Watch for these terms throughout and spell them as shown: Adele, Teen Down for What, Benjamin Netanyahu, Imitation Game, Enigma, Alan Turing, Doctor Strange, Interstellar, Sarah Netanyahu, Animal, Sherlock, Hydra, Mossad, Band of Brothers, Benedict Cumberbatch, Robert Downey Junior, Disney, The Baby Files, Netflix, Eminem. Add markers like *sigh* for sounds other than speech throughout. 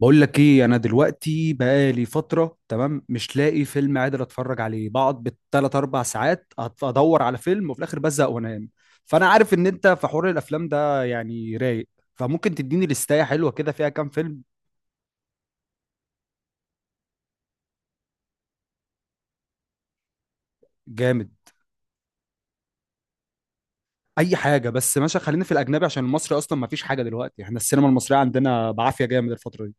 بقول لك ايه؟ انا دلوقتي بقالي فتره. تمام، مش لاقي فيلم قادر اتفرج عليه، بقعد بالثلاث اربع ساعات ادور على فيلم، وفي الاخر بزهق وانام. فانا عارف ان انت في حوار الافلام ده يعني رايق، فممكن تديني لستاية حلوه كده فيها كام فيلم. جامد. اي حاجه، بس ماشي، خلينا في الاجنبي عشان المصري اصلا ما فيش حاجه دلوقتي، احنا السينما المصريه عندنا بعافيه جامد الفتره دي.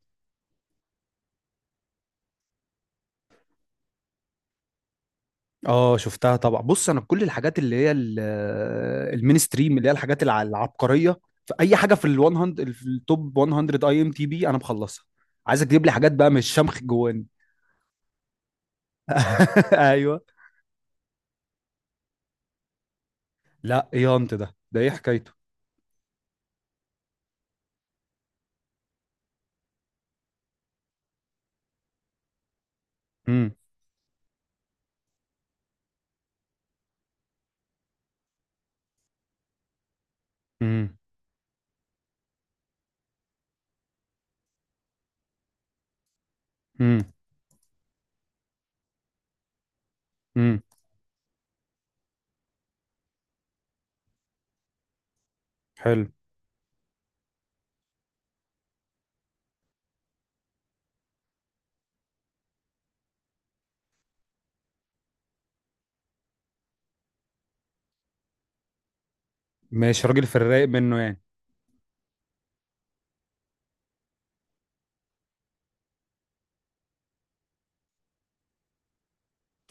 اه، شفتها طبعا. بص، انا كل الحاجات اللي هي المينستريم، اللي هي الحاجات العبقريه، في اي حاجه في ال 100، في التوب 100 اي ام تي بي، انا مخلصها. عايزك تجيب لي حاجات بقى مش شمخ جواني. *laughs* ايوه. لا، ايه انت؟ ده ايه حكايته؟ امم. امم. امم. امم. حلو. ماشي، راجل في الرايق منه يعني.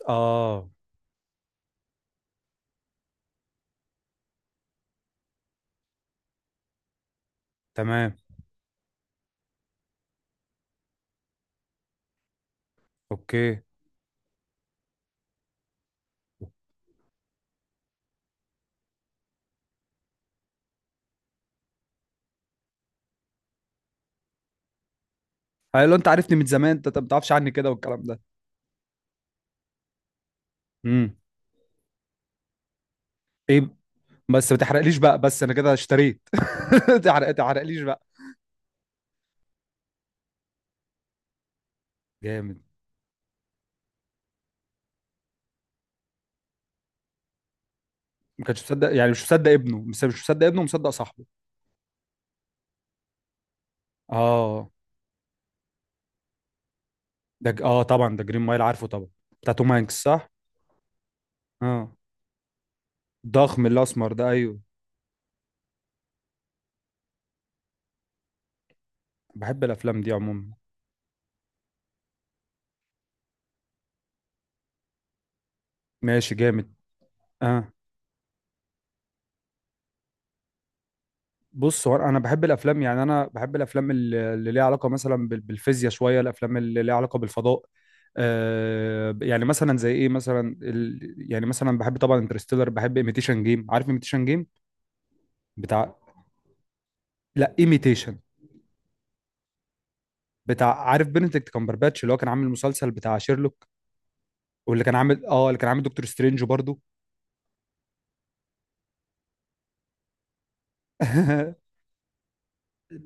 اه. تمام. اوكي. قال له انت عارفني من زمان، انت ما تعرفش عني كده والكلام ده. امم. ايه؟ بس ما تحرقليش بقى، بس انا كده اشتريت. *laughs* تحرقليش. جامد. ما كانش مصدق، يعني مش مصدق ابنه؟ مش مصدق ابنه، مصدق صاحبه. اه، طبعا، ده جرين مايل، عارفه طبعا. بتاع توم هانكس، صح؟ اه، الضخم الاسمر ده، ايوه. بحب الافلام دي عموما. ماشي، جامد. اه، بص، هو انا بحب الافلام، يعني انا بحب الافلام اللي ليها علاقه مثلا بالفيزياء، شويه الافلام اللي ليها علاقه بالفضاء. يعني مثلا زي ايه؟ مثلا يعني مثلا بحب طبعا انترستيلر، بحب ايميتيشن جيم، عارف ايميتيشن جيم؟ بتاع... لا، ايميتيشن. بتاع، عارف بنديكت كامبرباتش اللي هو كان عامل المسلسل بتاع شيرلوك، واللي كان عامل اه اللي كان عامل دكتور سترينج برضه. *laughs*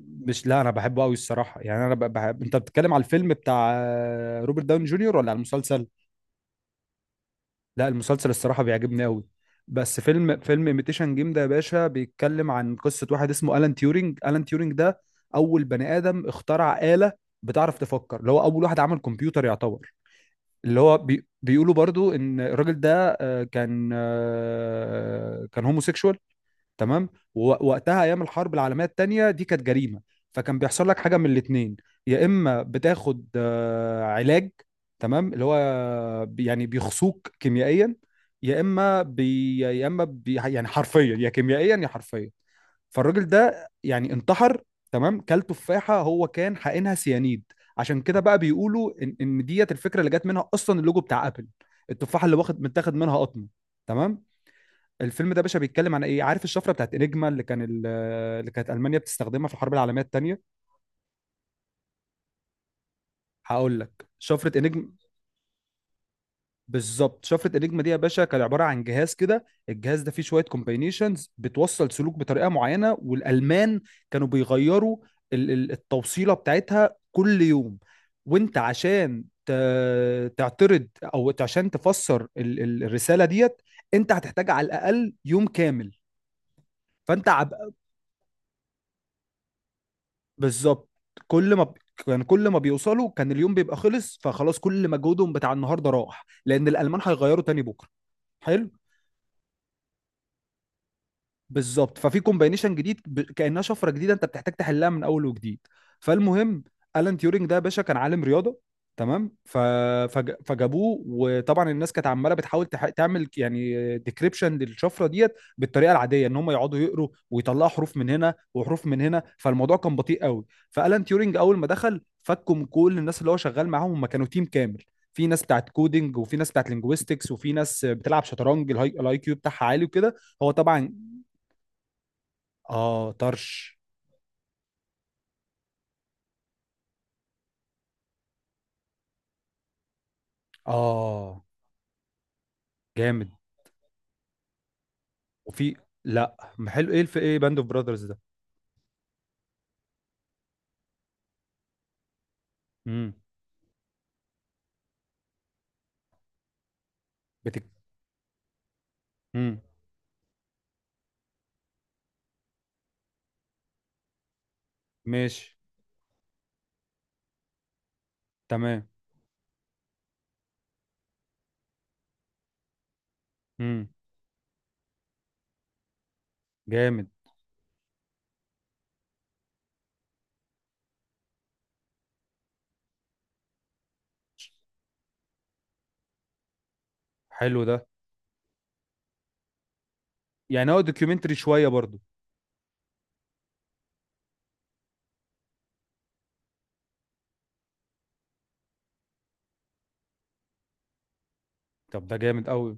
مش، لا، انا بحبه قوي الصراحه. يعني انا بحب، انت بتتكلم على الفيلم بتاع روبرت داون جونيور ولا على المسلسل؟ لا، المسلسل الصراحه بيعجبني قوي. بس فيلم ايميتيشن جيم ده يا باشا بيتكلم عن قصه واحد اسمه الان تيورينج. الان تيورينج ده اول بني ادم اخترع آلة بتعرف تفكر، اللي هو اول واحد عمل كمبيوتر يعتبر، اللي هو بيقولوا برضو ان الراجل ده كان هوموسيكشوال. تمام. ووقتها ايام الحرب العالميه الثانيه دي كانت جريمه، فكان بيحصل لك حاجه من الاثنين. يا اما بتاخد علاج، تمام، اللي هو يعني بيخصوك كيميائيا، يا اما بي يعني حرفيا، يا كيميائيا يا حرفيا. فالراجل ده يعني انتحر. تمام، كل تفاحه هو كان حقنها سيانيد. عشان كده بقى بيقولوا ان ان ديت الفكره اللي جت منها اصلا اللوجو بتاع ابل، التفاحه اللي واخد متاخد منها قطمه. تمام. الفيلم ده يا باشا بيتكلم عن ايه؟ عارف الشفره بتاعت انيجما اللي اللي كانت المانيا بتستخدمها في الحرب العالميه الثانيه. هقول لك، شفره انيجما. بالظبط، شفرة انيجما دي يا باشا كان عباره عن جهاز كده، الجهاز ده فيه شويه كومباينيشنز بتوصل سلوك بطريقه معينه، والالمان كانوا بيغيروا التوصيله بتاعتها كل يوم. وانت عشان تعترض، او عشان تفسر الرساله ديت، انت هتحتاج على الاقل يوم كامل. فانت عب... بالظبط. كل ما ب- كان كل ما بيوصلوا كان اليوم بيبقى خلص، فخلاص كل مجهودهم بتاع النهارده راح لان الالمان هيغيروا تاني بكره. حلو. بالظبط، ففي كومباينيشن جديد كانها شفره جديده، انت بتحتاج تحلها من اول وجديد. فالمهم، الان تيورينج ده يا باشا كان عالم رياضه. تمام، فجابوه، وطبعا الناس كانت عماله بتحاول تعمل يعني ديكريبشن للشفره ديت بالطريقه العاديه، ان هم يقعدوا يقروا ويطلعوا حروف من هنا وحروف من هنا، فالموضوع كان بطيء قوي. فالان تيورينج اول ما دخل فكهم، كل الناس اللي هو شغال معاهم هم كانوا تيم كامل، في ناس بتاعت كودينج، وفي ناس بتاعت لينجويستكس، وفي ناس بتلعب شطرنج، الهاي الآي كيو بتاعها عالي وكده. هو طبعا. اه، طرش. اه، جامد. وفي. لا، ما حلو، ايه الف، ايه باند اوف براذرز ده؟ امم. بتك امم. ماشي. تمام. امم. جامد. حلو ده. يعني هو دوكيومنتري شويه برضو؟ طب ده جامد قوي.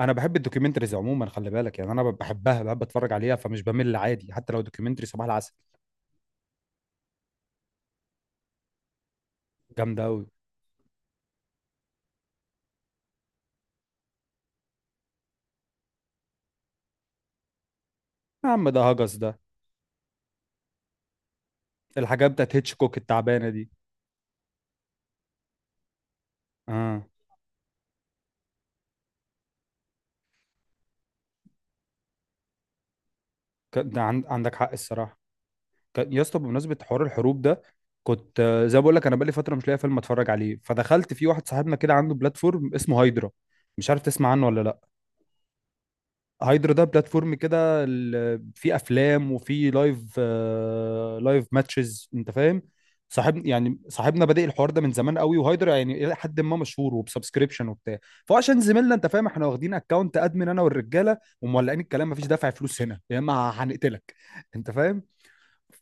انا بحب الدوكيومنتريز عموما خلي بالك، يعني انا بحبها، بحب اتفرج عليها، فمش بمل عادي حتى لو دوكيومنتري صباح العسل. جامده قوي. يا عم، ده هجس ده، الحاجات بتاعت هيتشكوك التعبانه دي. اه، عندك حق الصراحه. يا اسطى، بمناسبه حوار الحروب ده، كنت زي ما بقول لك انا بقالي فتره مش لاقي فيلم اتفرج عليه، فدخلت في واحد صاحبنا كده عنده بلاتفورم اسمه هايدرا، مش عارف تسمع عنه ولا لا. هايدرا ده بلاتفورم كده، فيه افلام وفيه لايف ماتشز، انت فاهم. صاحبنا بادئ الحوار ده من زمان قوي، وهايدرا يعني الى حد ما مشهور وبسبسكريبشن وبتاع. فهو عشان زميلنا، انت فاهم، احنا واخدين اكونت ادمن انا والرجاله، ومولعين الكلام، مفيش دافع فلوس هنا، يا اما هنقتلك، انت فاهم.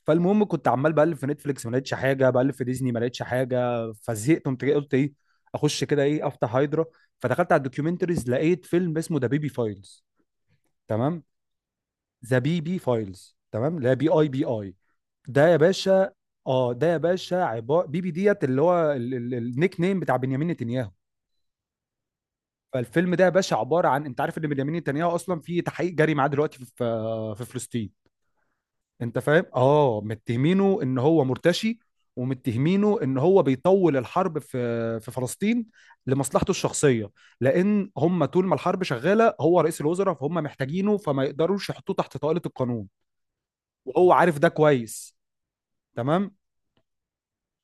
فالمهم كنت عمال بقلب في نتفليكس، ما لقيتش حاجه، بقلب في ديزني، ما لقيتش حاجه، فزهقت، قمت جاي قلت ايه، اخش كده ايه، افتح هايدرا. فدخلت على الدوكيومنتريز، لقيت فيلم اسمه ذا بيبي فايلز. تمام. ذا بيبي فايلز، تمام، لا، بي اي، بي اي ده يا باشا. اه، ده يا باشا عباره، بيبي ديت اللي هو النيك نيم بتاع بنيامين نتنياهو. فالفيلم ده يا باشا عباره عن، انت عارف ان بنيامين نتنياهو اصلا في تحقيق جاري معاه دلوقتي في في فلسطين؟ انت فاهم؟ اه، متهمينه ان هو مرتشي، ومتهمينه ان هو بيطول الحرب في في فلسطين لمصلحته الشخصيه، لان هم طول ما الحرب شغاله هو رئيس الوزراء، فهم محتاجينه، فما يقدروش يحطوه تحت طائله القانون، وهو عارف ده كويس. تمام.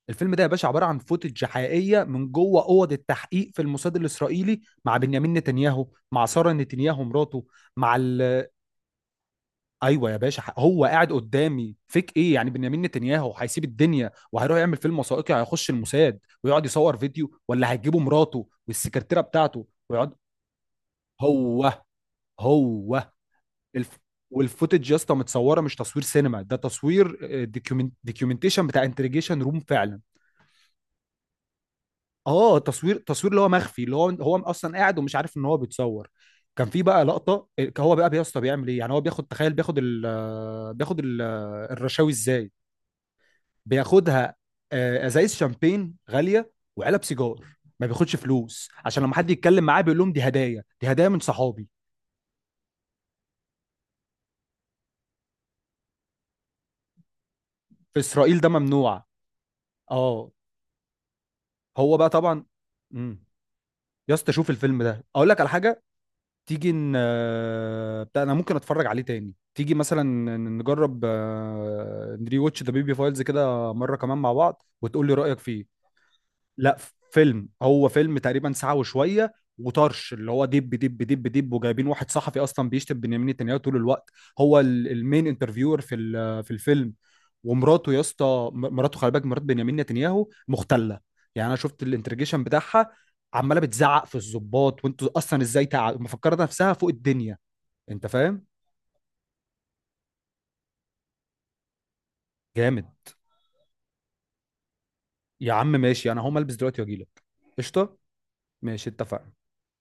الفيلم ده يا باشا عباره عن فوتج حقيقيه من جوه اوض التحقيق في الموساد الاسرائيلي مع بنيامين نتنياهو، مع ساره نتنياهو مراته، مع ال... ايوه يا باشا، هو قاعد قدامي فيك؟ ايه يعني، بنيامين نتنياهو هيسيب الدنيا وهيروح يعمل فيلم وثائقي؟ هيخش الموساد ويقعد يصور فيديو، ولا هيجيبوا مراته والسكرتيره بتاعته ويقعد. هو هو الف... والفوتج يا اسطى متصوره، مش تصوير سينما، ده تصوير ديكيومنتيشن بتاع انتريجيشن روم فعلا. اه، تصوير اللي هو مخفي، اللي هو هو اصلا قاعد ومش عارف ان هو بيتصور. كان في بقى لقطه، هو بقى يا اسطى بيعمل ايه؟ يعني هو بياخد، تخيل، بياخد الرشاوي ازاي. بياخدها ازايز شامبين غاليه وعلب سيجار، ما بياخدش فلوس، عشان لما حد يتكلم معاه بيقول لهم دي هدايا، دي هدايا من صحابي، في اسرائيل ده ممنوع. اه، هو بقى طبعا. امم. يا اسطى، شوف الفيلم ده، اقول لك على حاجه، تيجي ن... آه، بتاع، انا ممكن اتفرج عليه تاني، تيجي مثلا نجرب نري واتش ذا بيبي فايلز كده مره كمان مع بعض، وتقول لي رايك فيه. لا، فيلم، هو فيلم تقريبا ساعة وشوية وطرش، اللي هو دب دب دب دب، وجايبين واحد صحفي اصلا بيشتم بنيامين نتنياهو طول الوقت، هو المين انترفيور في في الفيلم. ومراته يا اسطى، مراته، خلي بالك، مرات بنيامين نتنياهو مختلة. يعني انا شفت الانترجيشن بتاعها عمالة بتزعق في الضباط، وانتوا اصلا ازاي مفكرة نفسها فوق الدنيا، انت فاهم. جامد. يا عم ماشي، انا هقوم البس دلوقتي واجيلك. قشطة. ماشي، اتفقنا.